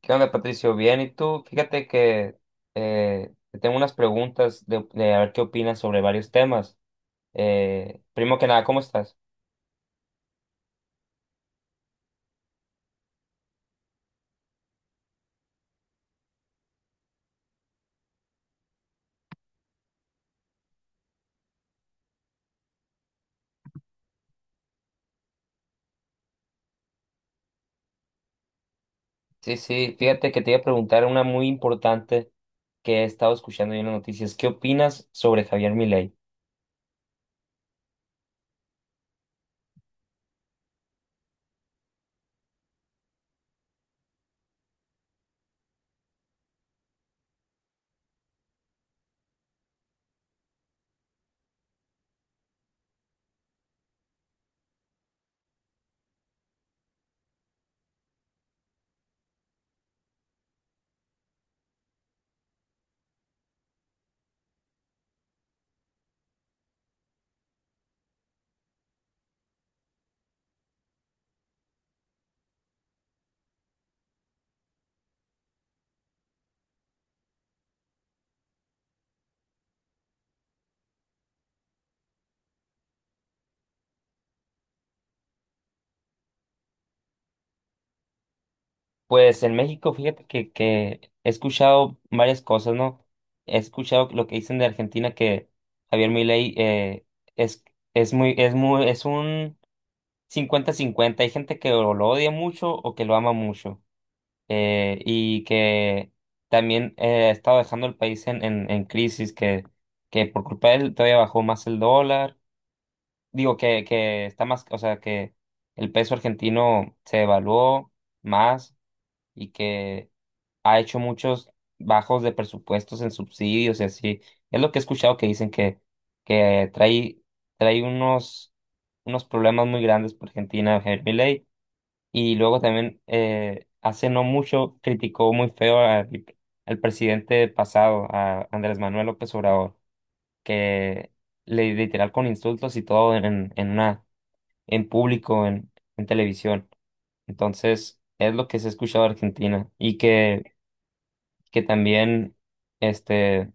¿Qué onda, Patricio? Bien, ¿y tú? Fíjate que te tengo unas preguntas de a ver qué opinas sobre varios temas. Primero que nada, ¿cómo estás? Sí, sí, fíjate que te iba a preguntar una muy importante que he estado escuchando yo en las noticias. ¿Qué opinas sobre Javier Milei? Pues en México, fíjate que he escuchado varias cosas, ¿no? He escuchado lo que dicen de Argentina que Javier Milei es, es un 50/50. Hay gente que o lo odia mucho o que lo ama mucho. Y que también ha estado dejando el país en crisis, que por culpa de él todavía bajó más el dólar. Digo que está más, o sea, que el peso argentino se evaluó más y que ha hecho muchos bajos de presupuestos en subsidios y así. Es lo que he escuchado que dicen que trae unos problemas muy grandes por Argentina, Javier Milei, y luego también, hace no mucho, criticó muy feo al presidente pasado, a Andrés Manuel López Obrador, que le literal con insultos y todo en público, en televisión. Entonces, es lo que se ha escuchado de Argentina. Y que también, este,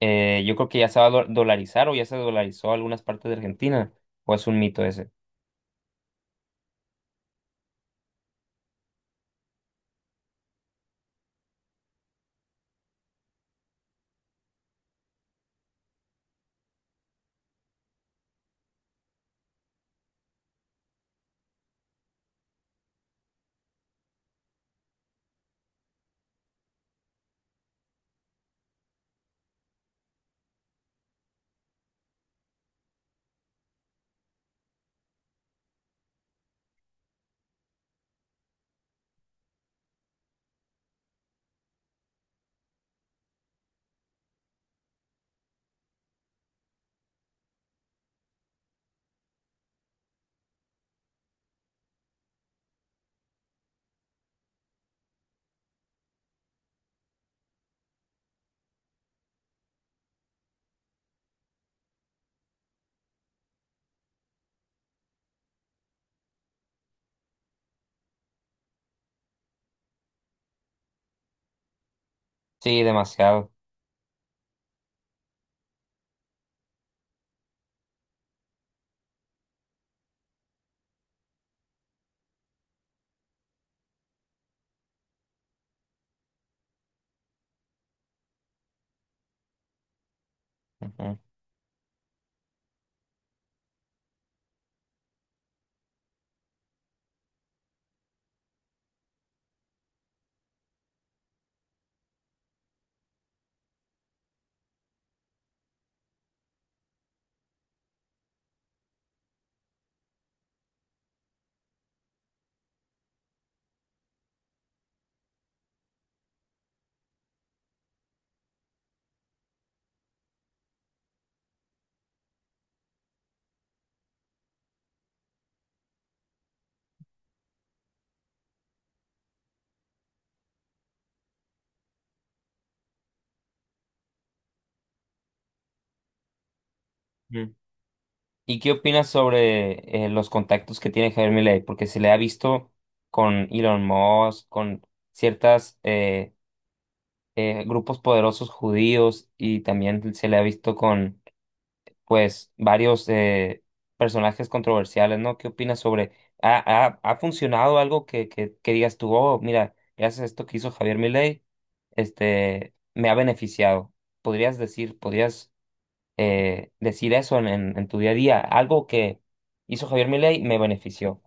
yo creo que ya se va a dolarizar o ya se dolarizó algunas partes de Argentina, o es un mito ese. Sí, demasiado. Ujú. ¿Y qué opinas sobre los contactos que tiene Javier Milei? Porque se le ha visto con Elon Musk, con ciertas grupos poderosos judíos y también se le ha visto con, pues, varios personajes controversiales, ¿no? ¿Qué opinas sobre? ¿Ha, ha funcionado algo que digas tú, oh, mira, gracias a esto que hizo Javier Milei, me ha beneficiado? Podrías decir eso en tu día a día? Algo que hizo Javier Milei me benefició.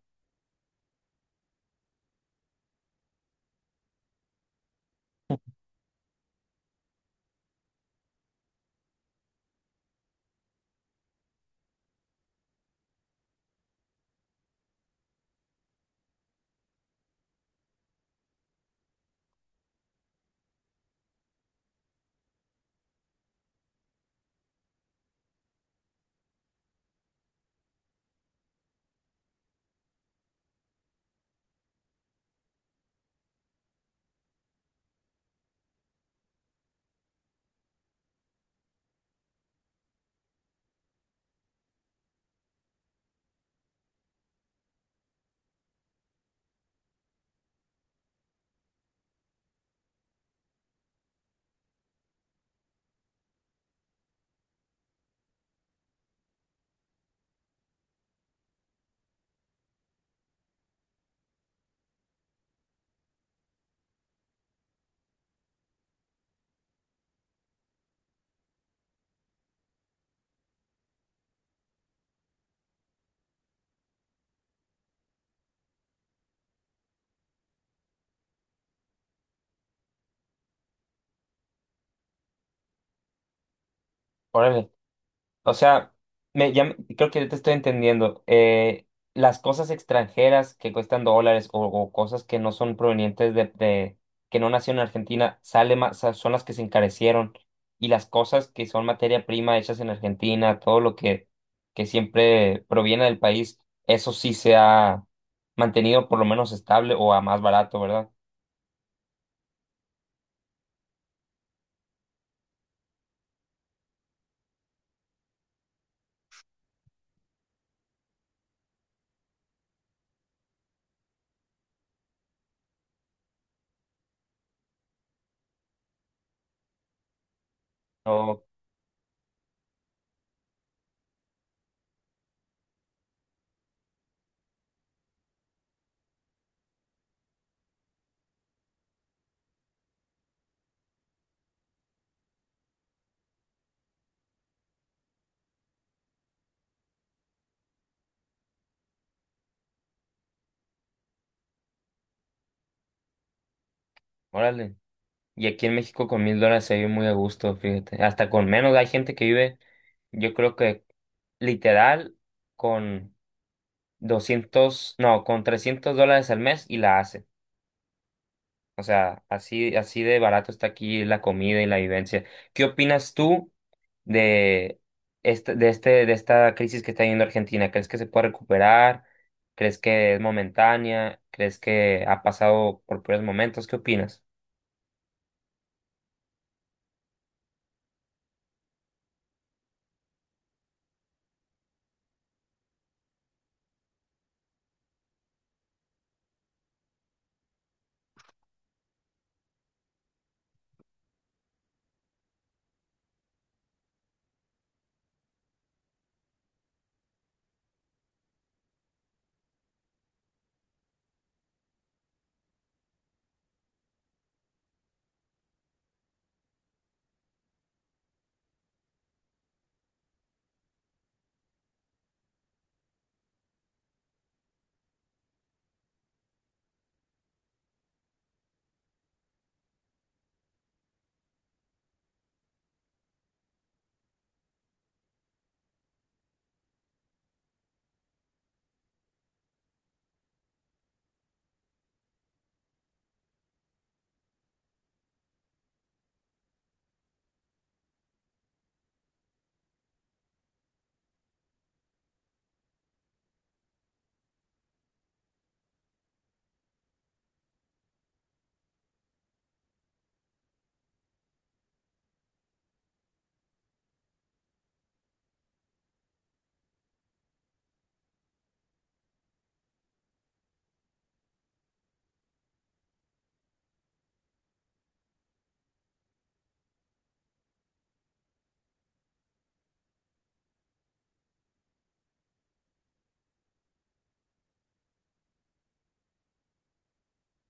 Órale. O sea, creo que te estoy entendiendo. Las cosas extranjeras que cuestan dólares o cosas que no son provenientes que no nacieron en Argentina, sale más, son las que se encarecieron. Y las cosas que son materia prima hechas en Argentina, todo que siempre proviene del país, eso sí se ha mantenido por lo menos estable o a más barato, ¿verdad? No. Órale. Y aquí en México con $1,000 se vive muy a gusto, fíjate. Hasta con menos hay gente que vive, yo creo que literal con 200, no, con $300 al mes y la hace. O sea, así, así de barato está aquí la comida y la vivencia. ¿Qué opinas tú de de esta crisis que está viviendo Argentina? ¿Crees que se puede recuperar? ¿Crees que es momentánea? ¿Crees que ha pasado por peores momentos? ¿Qué opinas?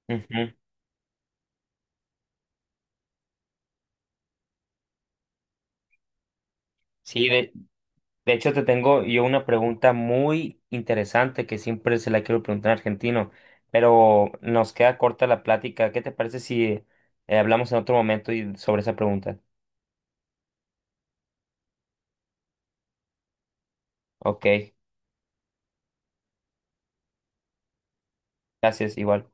Ujú. Sí. De hecho, te tengo yo una pregunta muy interesante que siempre se la quiero preguntar a un argentino, pero nos queda corta la plática. ¿Qué te parece si hablamos en otro momento y sobre esa pregunta? Ok, gracias, igual.